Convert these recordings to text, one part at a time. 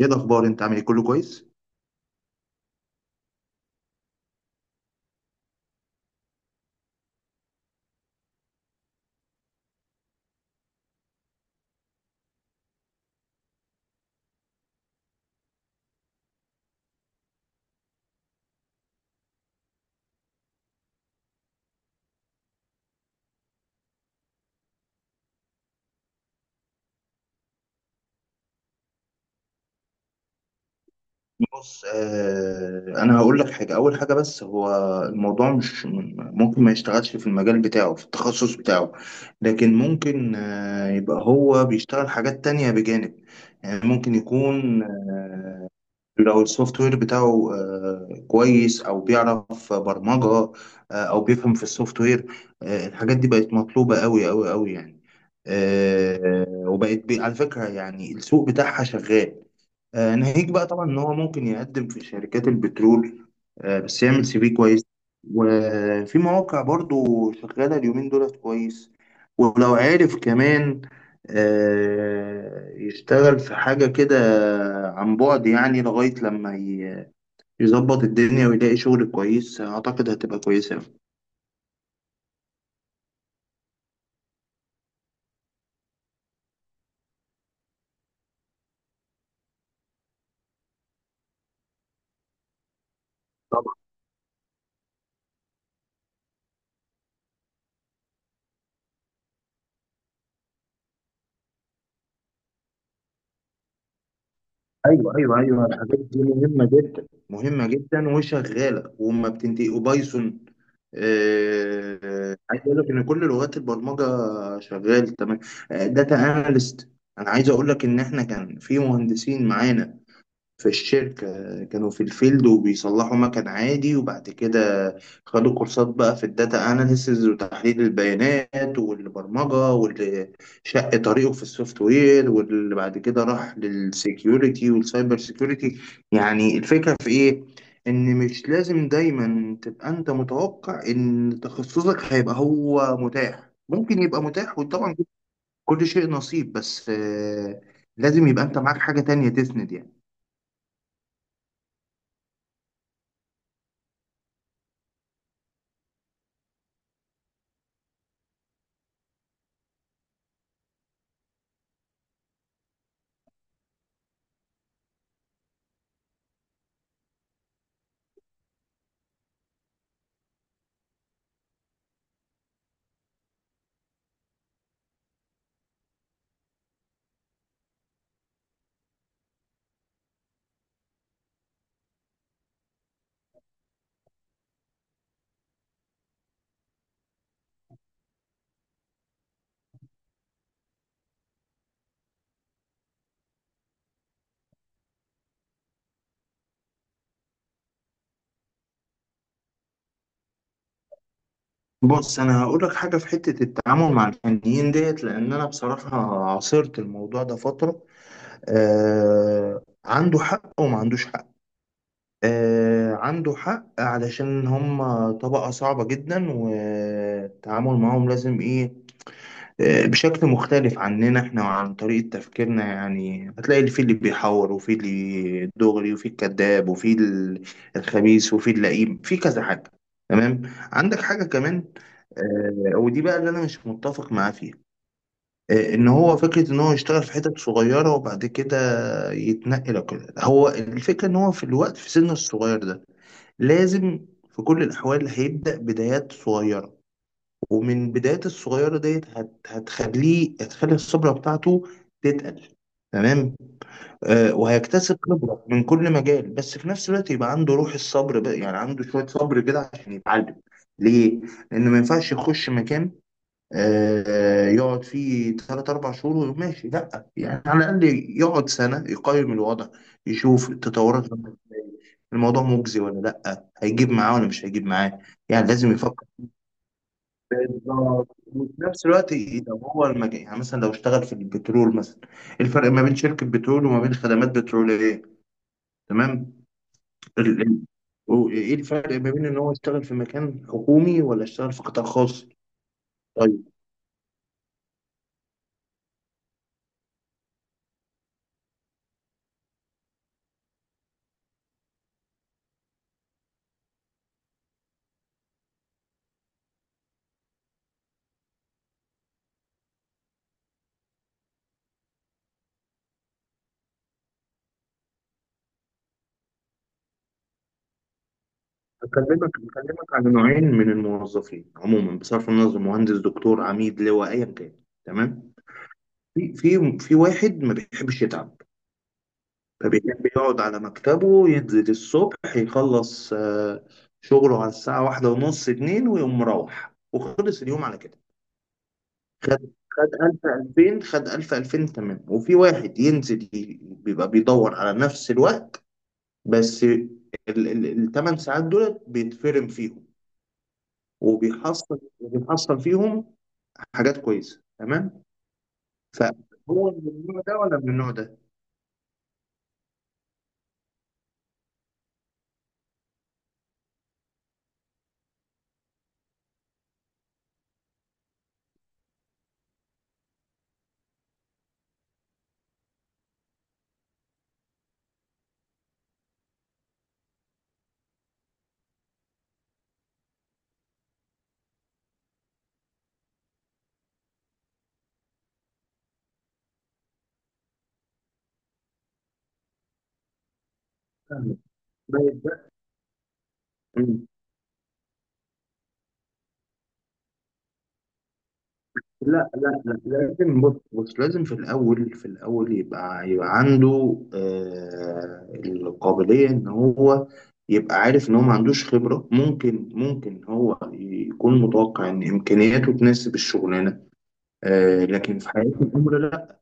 ايه الاخبار؟ انت عامل ايه؟ كله كويس؟ بص، انا هقول لك حاجه. اول حاجه، بس هو الموضوع مش ممكن ما يشتغلش في المجال بتاعه في التخصص بتاعه، لكن ممكن يبقى هو بيشتغل حاجات تانية بجانب. يعني ممكن يكون لو السوفت وير بتاعه كويس او بيعرف برمجه، او بيفهم في السوفت وير. الحاجات دي بقت مطلوبه قوي قوي قوي يعني. وبقت على فكره يعني السوق بتاعها شغال. ناهيك بقى طبعا ان هو ممكن يقدم في شركات البترول، بس يعمل سي في كويس. وفي مواقع برضو شغاله اليومين دولت كويس. ولو عارف كمان يشتغل في حاجه كده عن بعد، يعني لغايه لما يظبط الدنيا ويلاقي شغل كويس، اعتقد هتبقى كويسه أوي. ايوه ايوه ايوه، الحاجات دي مهمه جدا، مهمه جدا، وشغاله وما بتنتهي. وبايثون، عايز اقول لك ان كل لغات البرمجه شغال تمام. داتا اناليست، انا عايز اقول لك ان احنا كان في مهندسين معانا في الشركة كانوا في الفيلد وبيصلحوا مكن عادي، وبعد كده خدوا كورسات بقى في الداتا اناليسز وتحليل البيانات والبرمجة، واللي شق طريقه في السوفت وير، واللي بعد كده راح للسيكيورتي والسايبر سيكيورتي. يعني الفكرة في ايه؟ ان مش لازم دايما تبقى انت متوقع ان تخصصك هيبقى هو متاح. ممكن يبقى متاح، وطبعا كل شيء نصيب، بس لازم يبقى انت معاك حاجة تانية تسند يعني. بص، انا هقول لك حاجه في حته التعامل مع الفنيين ديت، لان انا بصراحه عاصرت الموضوع ده فتره. آه، عنده حق وما عندوش حق. آه، عنده حق علشان هم طبقه صعبه جدا، والتعامل معاهم لازم ايه؟ بشكل مختلف عننا احنا وعن طريقة تفكيرنا. يعني هتلاقي اللي فيه، اللي بيحور، وفي اللي دغري، وفي الكذاب، وفي الخبيث، وفي اللئيم، في كذا حاجة. تمام؟ عندك حاجة كمان، ودي بقى اللي انا مش متفق معاه فيها. ان هو فكرة ان هو يشتغل في حتت صغيرة وبعد كده يتنقل وكده. هو الفكرة ان هو في الوقت في سنه الصغير ده لازم في كل الاحوال هيبدأ بدايات صغيرة، ومن بدايات الصغيرة ديت هتخليه، هتخلي الخبرة بتاعته تتقل. تمام؟ آه، وهيكتسب خبرة من كل مجال، بس في نفس الوقت يبقى عنده روح الصبر بقى، يعني عنده شوية صبر كده عشان يتعلم. ليه؟ لأنه ما ينفعش يخش مكان يقعد فيه تلات أربع شهور ويقوم ماشي. لأ، يعني على الأقل يقعد سنة يقيم الوضع، يشوف التطورات، الموضوع مجزي ولا لأ، هيجيب معاه ولا مش هيجيب معاه. يعني لازم يفكر بالظبط. وفي نفس الوقت لو هو المجال، يعني مثلا لو اشتغل في البترول مثلا، الفرق ما بين شركة بترول وما بين خدمات بترولية. تمام؟ ال- ال- ايه الفرق ما بين ان هو يشتغل في مكان حكومي ولا يشتغل في قطاع خاص؟ طيب، بكلمك، بكلمك على نوعين من الموظفين عموما، بصرف النظر مهندس، دكتور، عميد، لواء، ايا كان. تمام؟ في واحد ما بيحبش يتعب، فبيحب يقعد على مكتبه، ينزل الصبح يخلص شغله على الساعة واحدة ونص اتنين ويقوم مروح وخلص اليوم على كده. خد خد ألف، ألفين، خد ألف، ألفين، تمام. وفي واحد ينزل، بيبقى بيدور على نفس الوقت، بس الثمان ساعات دول بيتفرم فيهم، وبيحصل، وبيحصل فيهم حاجات كويسة. تمام؟ فهو من النوع ده ولا من النوع ده؟ فاهمك. بس- لا لا لا، لازم، بص بص، لازم في الأول، في الأول يبقى، يبقى عنده القابلية إن هو يبقى عارف إن هو ما عندوش خبرة. ممكن، ممكن هو يكون متوقع إن إمكانياته تناسب الشغلانة، آه، لكن في حياة الأمر لا.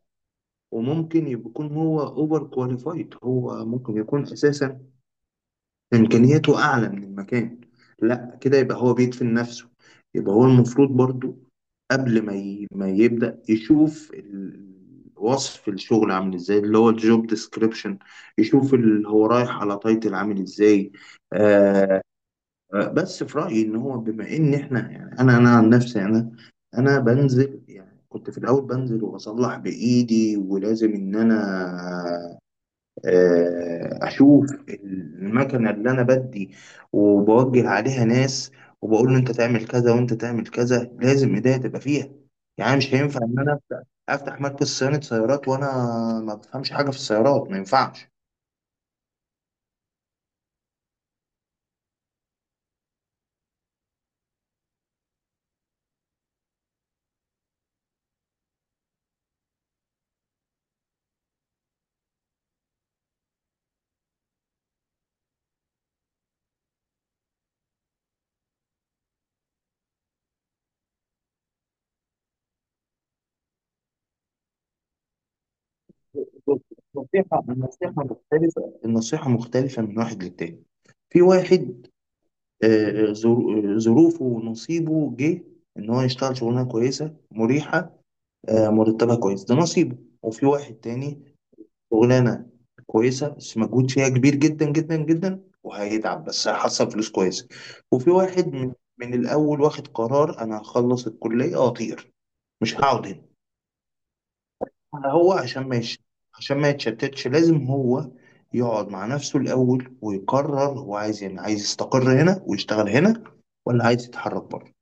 وممكن يكون هو أوفر كواليفايد، هو ممكن يكون أساسا إمكانياته أعلى من المكان. لا، كده يبقى هو بيدفن نفسه. يبقى هو المفروض برضو قبل ما يبدأ، يشوف وصف الشغل عامل ازاي، اللي هو الجوب ديسكريبشن، يشوف اللي هو رايح على تايتل عامل ازاي. آه بس في رأيي ان هو بما ان احنا، يعني انا عن نفسي، انا بنزل، يعني كنت في الاول بنزل واصلح بايدي، ولازم ان انا اشوف المكنه اللي انا بدي، وبوجه عليها ناس، وبقول له انت تعمل كذا وانت تعمل كذا. لازم ايديا تبقى فيها. يعني مش هينفع ان انا افتح مركز صيانه سيارات وانا ما بفهمش حاجه في السيارات. ما ينفعش. النصيحه، النصيحه مختلفه، النصيحه مختلفه من واحد للتاني. في واحد ظروفه ونصيبه جه ان هو يشتغل شغلانه كويسه مريحه، مرتبها كويس، ده نصيبه. وفي واحد تاني شغلانه كويسه بس مجهود فيها كبير جدا جدا جدا، وهيتعب بس هيحصل فلوس كويسه. وفي واحد من من الاول واخد قرار: انا هخلص الكليه واطير، مش هقعد هنا. أنا هو عشان ما يش... عشان ما يتشتتش لازم هو يقعد مع نفسه الاول ويقرر، هو عايز، يعني عايز يستقر هنا ويشتغل هنا، ولا عايز يتحرك بره.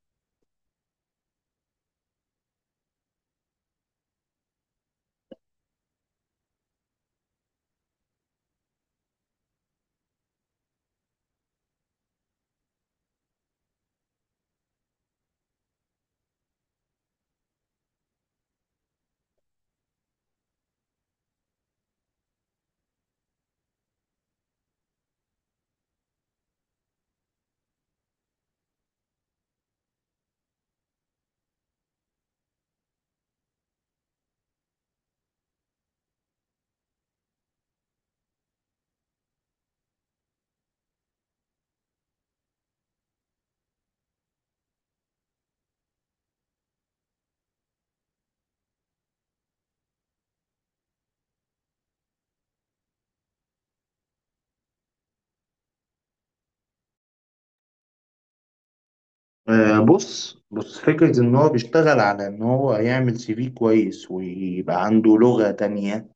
بص بص، فكرة إن هو بيشتغل على إن هو يعمل سي في كويس، ويبقى عنده لغة تانية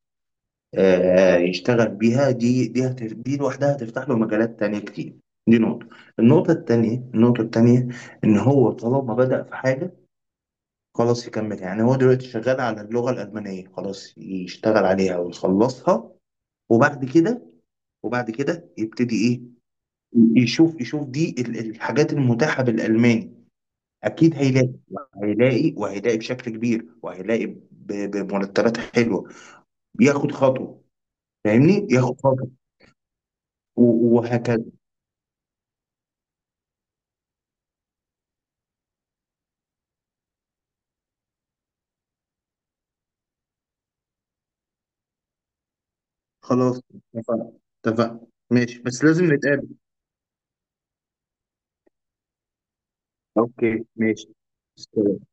يشتغل بيها، دي، دي لوحدها هتفتح له مجالات تانية كتير. دي نقطة. النقطة التانية، النقطة التانية، إن هو طالما بدأ في حاجة خلاص يكمل. يعني هو دلوقتي شغال على اللغة الألمانية، خلاص يشتغل عليها ويخلصها، وبعد كده، وبعد كده يبتدي إيه، يشوف، يشوف دي الحاجات المتاحة بالألماني. أكيد هيلاقي، هيلاقي، وهيلاقي بشكل كبير، وهيلاقي بمرتبات حلوة. بياخد خطوة، فاهمني، ياخد خطوة، و- وهكذا. خلاص، اتفقنا، اتفقنا، ماشي، بس لازم نتقابل. اوكي، ماشي، سلام.